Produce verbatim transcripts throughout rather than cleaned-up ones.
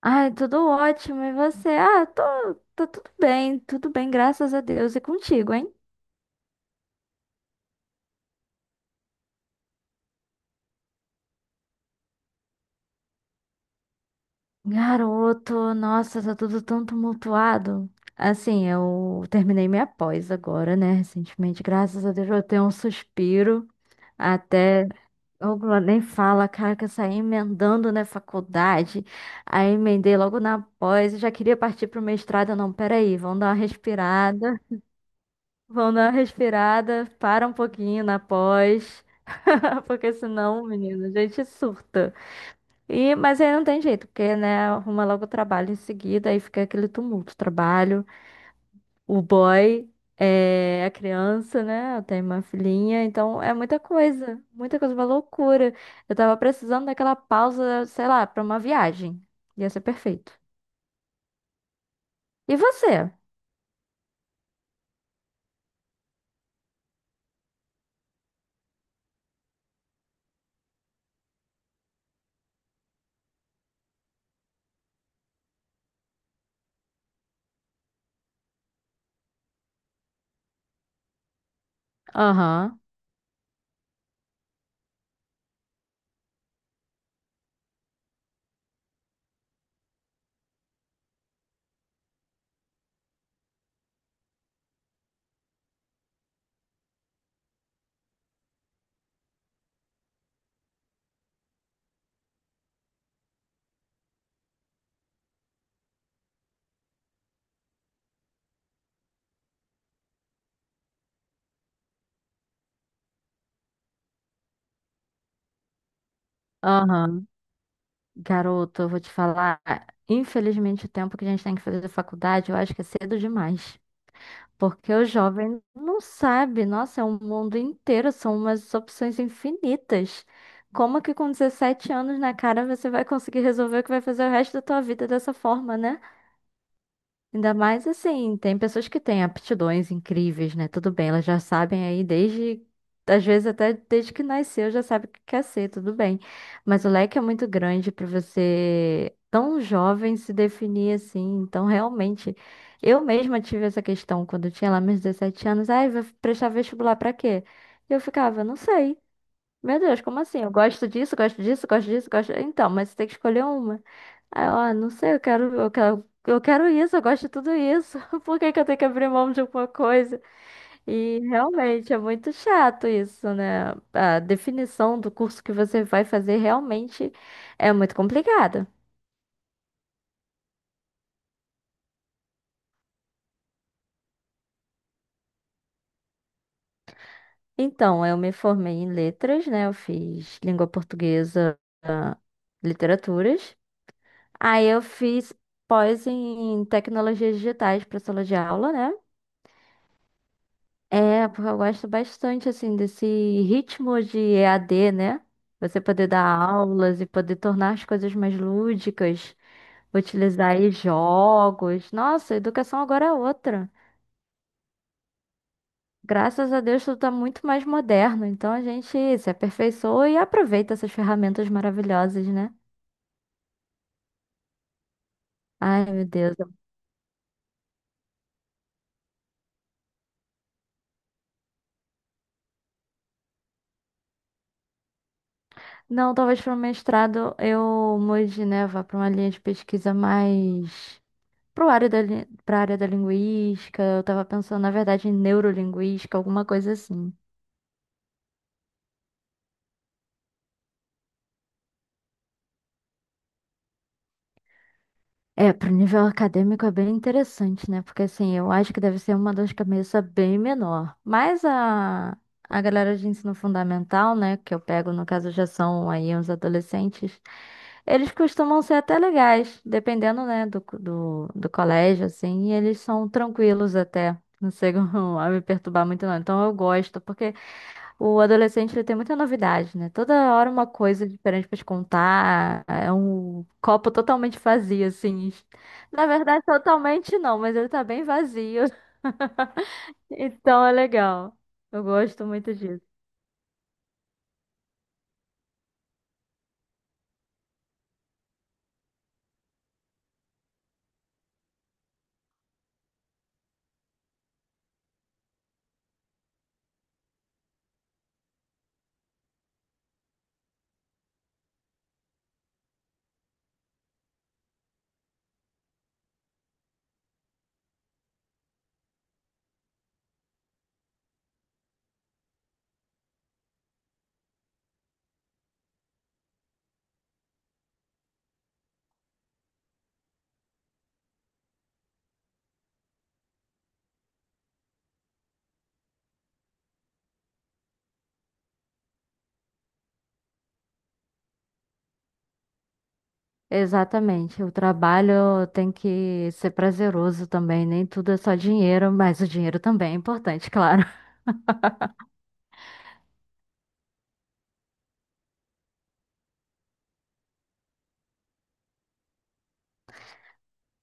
Ai, tudo ótimo. E você? Ah, tô, tô tudo bem, tudo bem, graças a Deus. E contigo, hein? Garoto, nossa, tá tudo tão tumultuado. Assim, eu terminei minha pós agora, né? Recentemente, graças a Deus, eu tenho um suspiro. Até, eu nem fala, cara, que eu saí emendando na faculdade. Aí emendei logo na pós e já queria partir pro mestrado. Não, peraí, vamos dar uma respirada. Vão dar uma respirada, para um pouquinho na pós, porque senão, menino, a gente surta. E, mas aí não tem jeito, porque, né, arruma logo o trabalho em seguida, aí fica aquele tumulto, trabalho, o boy, é, a criança, né, eu tenho uma filhinha, então é muita coisa, muita coisa, uma loucura. Eu tava precisando daquela pausa, sei lá, pra uma viagem, ia ser perfeito. E você? Aham, aham. Garoto, eu vou te falar, infelizmente o tempo que a gente tem que fazer faculdade, eu acho que é cedo demais. Porque o jovem não sabe, nossa, é um mundo inteiro, são umas opções infinitas. Como que com dezessete anos na cara você vai conseguir resolver o que vai fazer o resto da tua vida dessa forma, né? Ainda mais assim, tem pessoas que têm aptidões incríveis, né? Tudo bem, elas já sabem aí desde, às vezes até desde que nasceu, já sabe o que quer ser, tudo bem. Mas o leque é muito grande para você, tão jovem, se definir assim. Então, realmente, eu mesma tive essa questão quando eu tinha lá meus dezessete anos. Ai, vou prestar vestibular para quê? E eu ficava, não sei. Meu Deus, como assim? Eu gosto disso, gosto disso, gosto disso, gosto. Então, mas você tem que escolher uma. Aí eu, ah, não sei, eu quero, eu quero, eu quero isso, eu gosto de tudo isso. Por que que eu tenho que abrir mão de alguma coisa? E realmente é muito chato isso, né? A definição do curso que você vai fazer realmente é muito complicada. Então, eu me formei em letras, né? Eu fiz língua portuguesa, ah, literaturas. Aí eu fiz pós em tecnologias digitais para sala de aula, né? É, porque eu gosto bastante, assim, desse ritmo de E A D, né? Você poder dar aulas e poder tornar as coisas mais lúdicas, utilizar aí jogos. Nossa, a educação agora é outra. Graças a Deus tudo está muito mais moderno, então a gente se aperfeiçoa e aproveita essas ferramentas maravilhosas, né? Ai, meu Deus. Não, talvez para o mestrado eu mude, né? Vá para uma linha de pesquisa mais Pro área da, li- pra área da linguística, eu tava pensando, na verdade, em neurolinguística, alguma coisa assim. É, pro nível acadêmico é bem interessante, né? Porque assim, eu acho que deve ser uma dor de cabeça bem menor. Mas a, a galera de ensino fundamental, né, que eu pego, no caso, já são aí uns adolescentes, eles costumam ser até legais, dependendo, né, do, co- do, do colégio, assim, e eles são tranquilos até. Não chegam a me perturbar muito, não. Então eu gosto, porque. O adolescente ele tem muita novidade, né? Toda hora uma coisa diferente pra te contar. É um copo totalmente vazio, assim. Na verdade, totalmente não, mas ele tá bem vazio. Então é legal. Eu gosto muito disso. Exatamente. O trabalho tem que ser prazeroso também. Nem tudo é só dinheiro, mas o dinheiro também é importante, claro.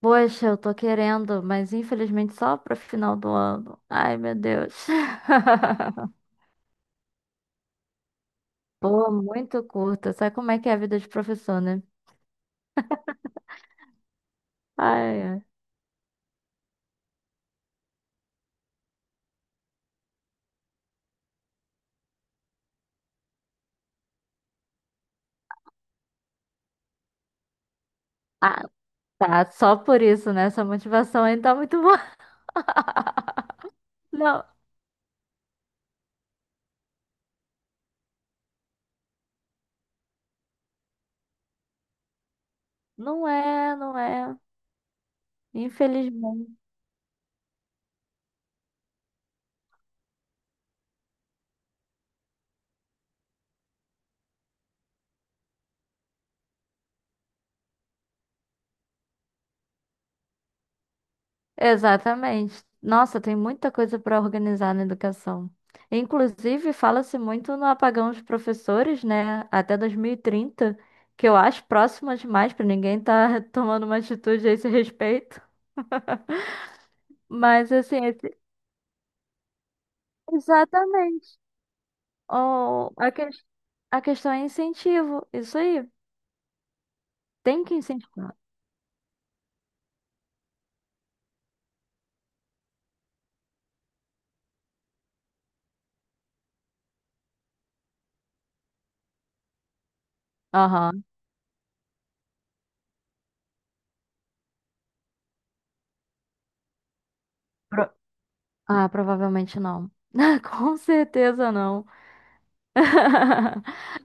Poxa, eu tô querendo, mas infelizmente só pro final do ano. Ai, meu Deus. Pô, muito curta. Sabe como é que é a vida de professor, né? Ai, ai. Ah, tá. Só por isso, né? Essa motivação ainda tá muito boa. Não, não é, não é. Infelizmente. Exatamente. Nossa, tem muita coisa para organizar na educação. Inclusive, fala-se muito no apagão dos professores, né? Até dois mil e trinta, que eu acho próximo demais para ninguém estar tomando uma atitude a esse respeito. Mas assim, esse- exatamente. O, A questão é incentivo. Isso aí. Tem que incentivar. Aham. Pro- Ah, provavelmente não. Com certeza não.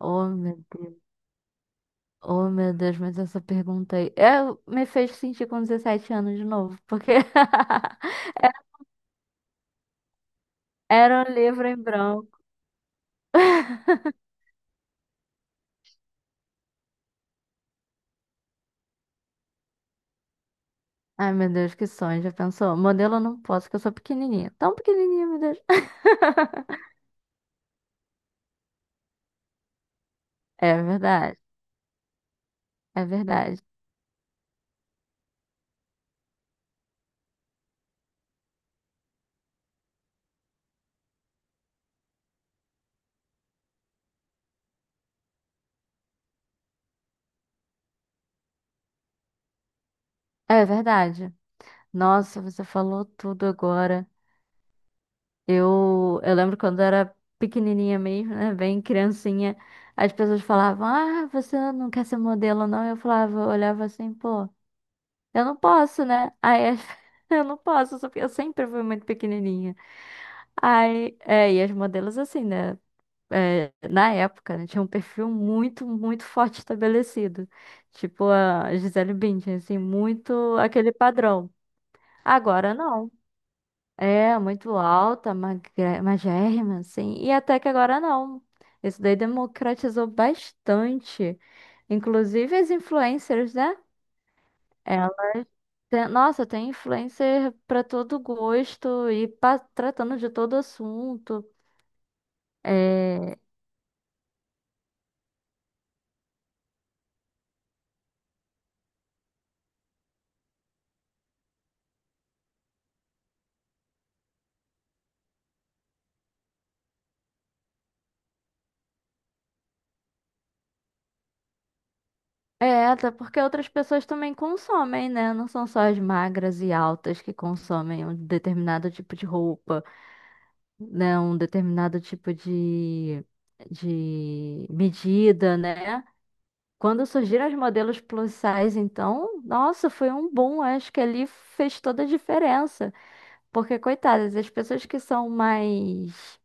Oh, meu Deus. Oh, meu Deus, mas essa pergunta aí. Eu, me fez sentir com dezessete anos de novo, porque era um livro em branco. Ai, meu Deus, que sonho, já pensou? Modelo eu não posso, porque eu sou pequenininha. Tão pequenininha, meu Deus. É verdade, é verdade. É verdade. Nossa, você falou tudo agora. Eu, eu lembro quando era pequenininha mesmo, né? Bem criancinha, as pessoas falavam: Ah, você não quer ser modelo, não? Eu falava, eu olhava assim, pô, eu não posso, né? Aí as- eu não posso, só que eu sempre fui muito pequenininha. Aí, é, e as modelos assim, né? É, na época, né, tinha um perfil muito, muito forte estabelecido. Tipo a Gisele Bündchen, assim, muito aquele padrão. Agora não. É, muito alta, magra- magérrima, assim. E até que agora não. Isso daí democratizou bastante. Inclusive as influencers, né? Ela tem- nossa, tem influencer para todo gosto e pa- tratando de todo assunto. É, é, até porque outras pessoas também consomem, né? Não são só as magras e altas que consomem um determinado tipo de roupa, né? Um determinado tipo de de medida, né? Quando surgiram as modelos plus size, então, nossa, foi um boom. Acho que ali fez toda a diferença. Porque, coitadas, as pessoas que são mais,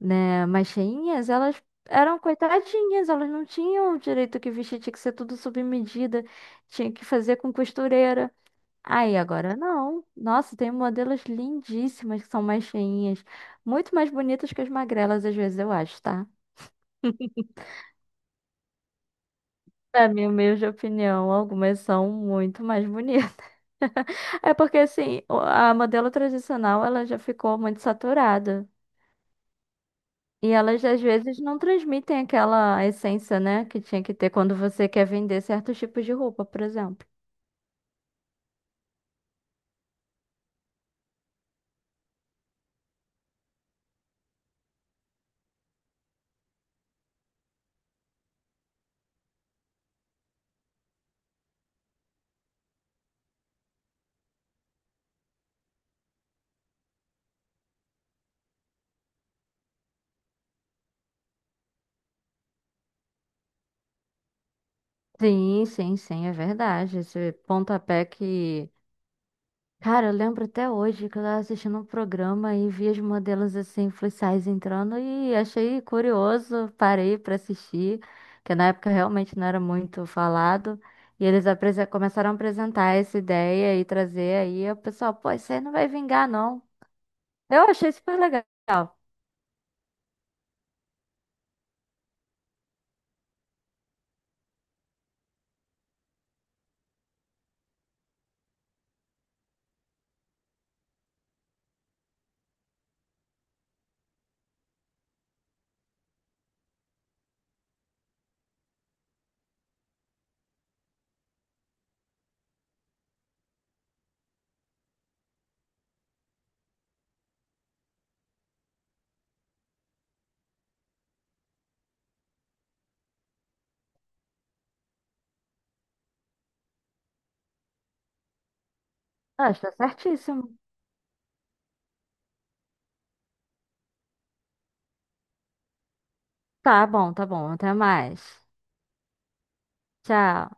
né, mais cheinhas, elas eram coitadinhas, elas não tinham o direito que vestir, tinha que ser tudo sob medida, tinha que fazer com costureira. Aí, agora não. Nossa, tem modelos lindíssimas que são mais cheinhas, muito mais bonitas que as magrelas, às vezes, eu acho, tá? Na minha humilde opinião, algumas são muito mais bonitas. É porque assim, o- a modelo tradicional ela já ficou muito saturada. E elas às vezes não transmitem aquela essência, né, que tinha que ter quando você quer vender certos tipos de roupa, por exemplo. Sim, sim, sim, é verdade. Esse pontapé que Cara, eu lembro até hoje que eu tava assistindo um programa e vi as modelos assim, plus size entrando e achei curioso, parei pra assistir, que na época realmente não era muito falado. E eles apresen- começaram a apresentar essa ideia e trazer aí, o pessoal, pô, isso aí não vai vingar, não. Eu achei super legal. Ah, está certíssimo. Tá bom, tá bom, até mais. Tchau.